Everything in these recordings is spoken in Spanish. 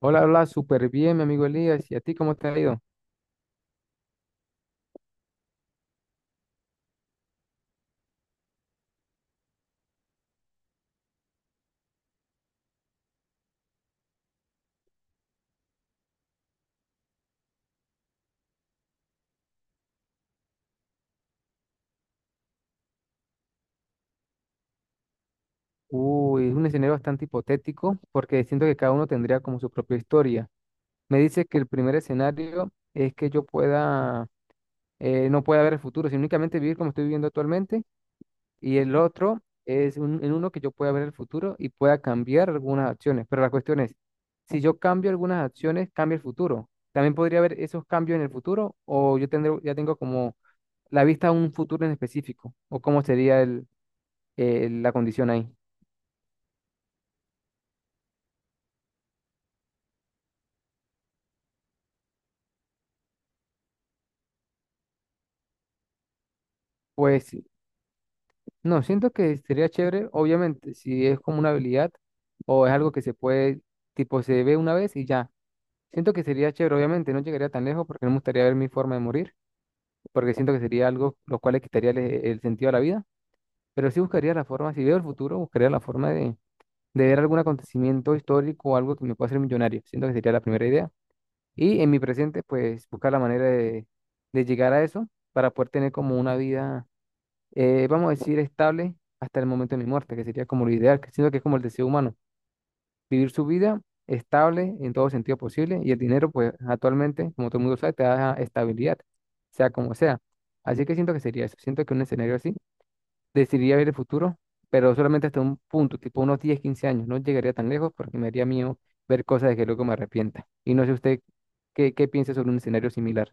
Hola, hola, súper bien, mi amigo Elías. ¿Y a ti cómo te ha ido? Uy, es un escenario bastante hipotético porque siento que cada uno tendría como su propia historia. Me dice que el primer escenario es que yo pueda, no pueda ver el futuro, sino únicamente vivir como estoy viviendo actualmente. Y el otro es en uno que yo pueda ver el futuro y pueda cambiar algunas acciones. Pero la cuestión es, si yo cambio algunas acciones, cambia el futuro. ¿También podría haber esos cambios en el futuro o yo tendré, ya tengo como la vista a un futuro en específico? ¿O cómo sería la condición ahí? Pues no, siento que sería chévere, obviamente, si es como una habilidad o es algo que se puede, tipo, se ve una vez y ya. Siento que sería chévere, obviamente, no llegaría tan lejos porque no me gustaría ver mi forma de morir, porque siento que sería algo lo cual le quitaría el sentido a la vida, pero sí buscaría la forma, si veo el futuro, buscaría la forma de ver algún acontecimiento histórico o algo que me pueda hacer millonario. Siento que sería la primera idea. Y en mi presente, pues buscar la manera de llegar a eso para poder tener como una vida vamos a decir, estable hasta el momento de mi muerte, que sería como lo ideal, que siento que es como el deseo humano, vivir su vida estable en todo sentido posible y el dinero, pues actualmente, como todo el mundo sabe, te da estabilidad, sea como sea. Así que siento que sería eso, siento que un escenario así decidiría ver el futuro, pero solamente hasta un punto, tipo unos 10 15 años. No llegaría tan lejos porque me haría miedo ver cosas de que luego me arrepienta. Y no sé usted qué, qué piensa sobre un escenario similar.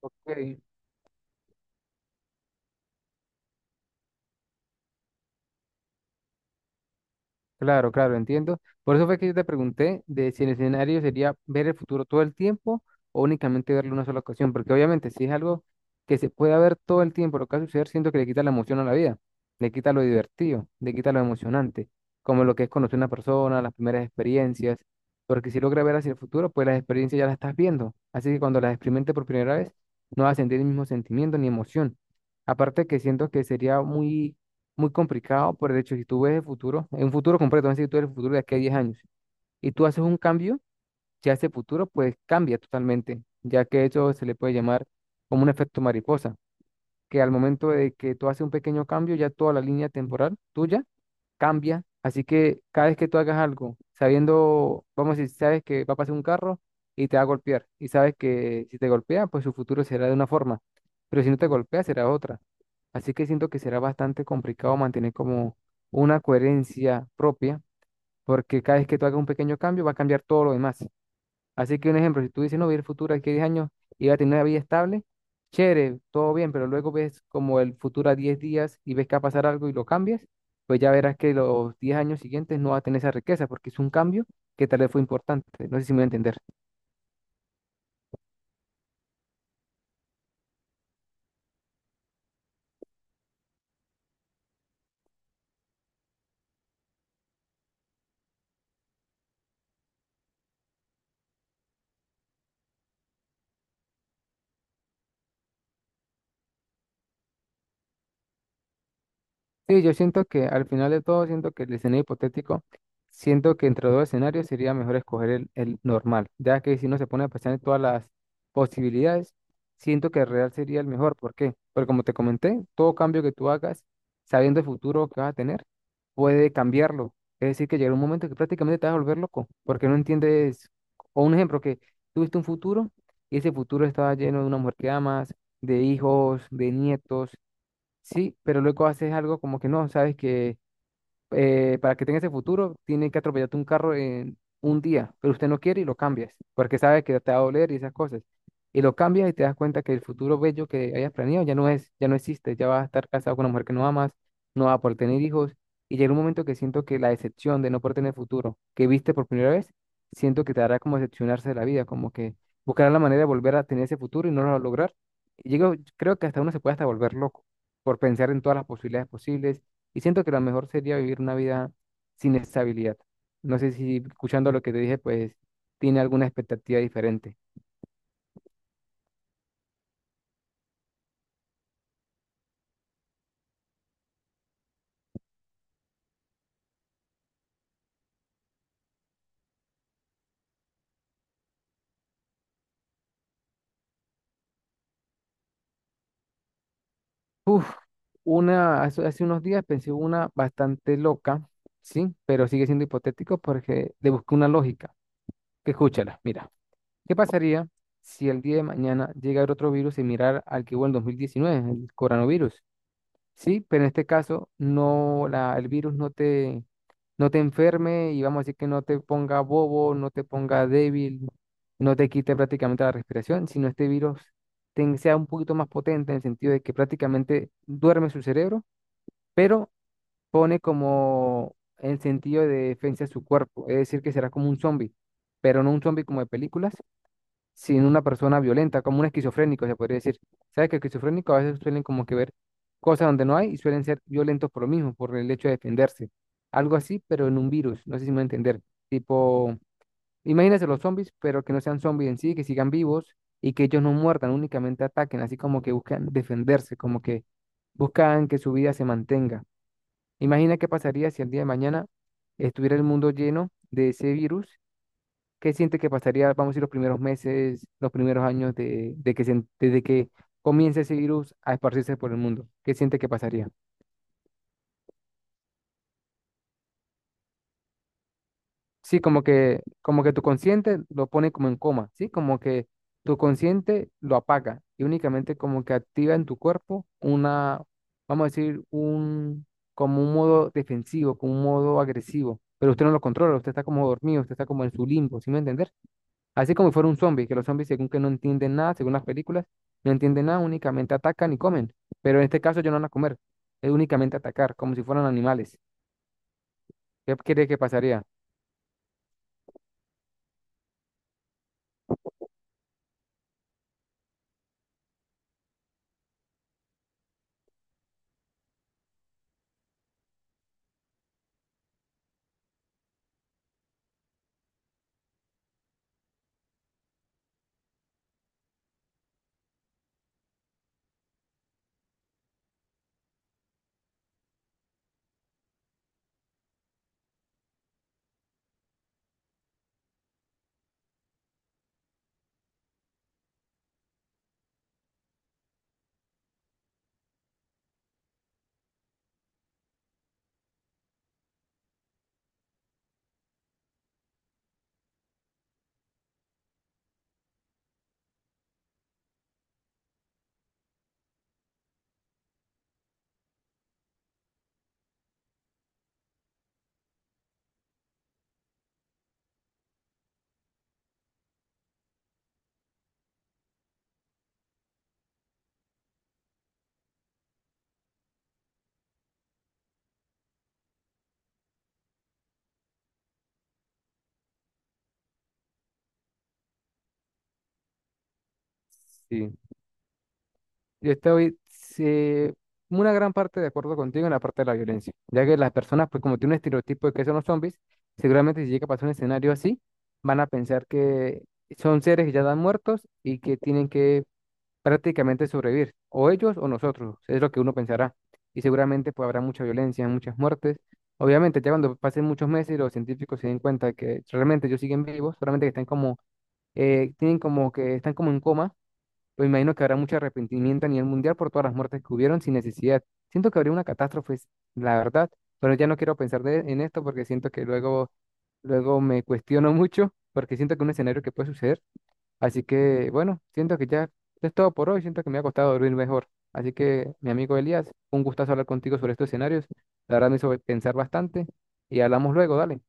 Ok, claro, claro, entiendo. Por eso fue que yo te pregunté de si el escenario sería ver el futuro todo el tiempo o únicamente verlo una sola ocasión, porque obviamente si es algo que se puede ver todo el tiempo, lo que va a suceder, siento que le quita la emoción a la vida, le quita lo divertido, le quita lo emocionante, como lo que es conocer a una persona, las primeras experiencias, porque si logra ver hacia el futuro, pues las experiencias ya las estás viendo, así que cuando las experimente por primera vez, no vas a sentir el mismo sentimiento ni emoción. Aparte que siento que sería muy muy complicado por el hecho, de si tú ves el futuro, en un futuro completo, es decir, tú eres el futuro de aquí a 10 años, y tú haces un cambio, ya ese futuro pues cambia totalmente, ya que eso se le puede llamar como un efecto mariposa, que al momento de que tú haces un pequeño cambio, ya toda la línea temporal tuya cambia. Así que cada vez que tú hagas algo, sabiendo, vamos a decir, sabes que va a pasar un carro y te va a golpear, y sabes que si te golpea, pues su futuro será de una forma, pero si no te golpea, será de otra. Así que siento que será bastante complicado mantener como una coherencia propia, porque cada vez que tú hagas un pequeño cambio, va a cambiar todo lo demás. Así que un ejemplo, si tú dices, no, voy a ir al futuro aquí a 10 años y voy a tener una vida estable, chévere, todo bien, pero luego ves como el futuro a 10 días y ves que va a pasar algo y lo cambias, pues ya verás que los 10 años siguientes no va a tener esa riqueza porque es un cambio que tal vez fue importante. No sé si me voy a entender. Sí, yo siento que al final de todo, siento que el escenario hipotético, siento que entre los dos escenarios sería mejor escoger el normal, ya que si uno se pone a pensar en todas las posibilidades, siento que el real sería el mejor. ¿Por qué? Porque como te comenté, todo cambio que tú hagas, sabiendo el futuro que vas a tener, puede cambiarlo. Es decir, que llegará un momento que prácticamente te vas a volver loco, porque no entiendes, o un ejemplo, que tuviste un futuro y ese futuro estaba lleno de una mujer que amas, de hijos, de nietos. Sí, pero luego haces algo como que no, sabes que para que tenga ese futuro, tiene que atropellarte un carro en un día, pero usted no quiere y lo cambias, porque sabe que te va a doler y esas cosas. Y lo cambias y te das cuenta que el futuro bello que hayas planeado ya no es, ya no existe, ya vas a estar casado con una mujer que no amas, no vas a poder tener hijos. Y llega un momento que siento que la decepción de no poder tener futuro que viste por primera vez, siento que te hará como decepcionarse de la vida, como que buscarás la manera de volver a tener ese futuro y no lo vas a lograr. Y llego, creo que hasta uno se puede hasta volver loco por pensar en todas las posibilidades posibles y siento que lo mejor sería vivir una vida sin estabilidad. No sé si escuchando lo que te dije, pues tiene alguna expectativa diferente. Uf, una, hace unos días pensé una bastante loca, sí, pero sigue siendo hipotético porque le busqué una lógica. Que escúchala, mira, ¿qué pasaría si el día de mañana llega otro virus similar al que hubo en 2019, el coronavirus? Sí, pero en este caso no la, el virus no te, no te enferme y vamos a decir que no te ponga bobo, no te ponga débil, no te quite prácticamente la respiración, sino este virus sea un poquito más potente en el sentido de que prácticamente duerme su cerebro, pero pone como el sentido de defensa a su cuerpo, es decir, que será como un zombie, pero no un zombie como de películas, sin una persona violenta, como un esquizofrénico, se podría decir. ¿Sabes que esquizofrénicos a veces suelen como que ver cosas donde no hay y suelen ser violentos por lo mismo, por el hecho de defenderse? Algo así, pero en un virus, no sé si me voy a entender. Tipo, imagínense los zombies, pero que no sean zombies en sí, que sigan vivos y que ellos no muerdan, únicamente ataquen, así como que buscan defenderse, como que buscan que su vida se mantenga. Imagina qué pasaría si el día de mañana estuviera el mundo lleno de ese virus. ¿Qué siente que pasaría, vamos a decir, los primeros meses, los primeros años de que desde que comience ese virus a esparcirse por el mundo? ¿Qué siente que pasaría? Sí, como que tu consciente lo pone como en coma, ¿sí? Como que tu consciente lo apaga y únicamente como que activa en tu cuerpo una, vamos a decir, un, como un modo defensivo, como un modo agresivo, pero usted no lo controla, usted está como dormido, usted está como en su limbo, ¿sí me entiende? Así como si fuera un zombie, que los zombies, según que no entienden nada, según las películas, no entienden nada, únicamente atacan y comen. Pero en este caso ellos no van a comer, es únicamente atacar, como si fueran animales. ¿Qué cree que pasaría? Sí, yo estoy sí, una gran parte de acuerdo contigo en la parte de la violencia, ya que las personas, pues como tienen un estereotipo de que son los zombies, seguramente si llega a pasar un escenario así, van a pensar que son seres que ya están muertos y que tienen que prácticamente sobrevivir, o ellos o nosotros, es lo que uno pensará. Y seguramente pues habrá mucha violencia, muchas muertes. Obviamente, ya cuando pasen muchos meses y los científicos se den cuenta que realmente ellos siguen vivos, solamente que están como, tienen como que están como en coma, pues imagino que habrá mucho arrepentimiento a nivel mundial por todas las muertes que hubieron sin necesidad. Siento que habría una catástrofe, la verdad, pero ya no quiero pensar en esto porque siento que luego, luego me cuestiono mucho, porque siento que es un escenario que puede suceder. Así que, bueno, siento que ya es todo por hoy. Siento que me ha costado dormir mejor. Así que, mi amigo Elías, un gustazo hablar contigo sobre estos escenarios. La verdad me hizo pensar bastante y hablamos luego, dale.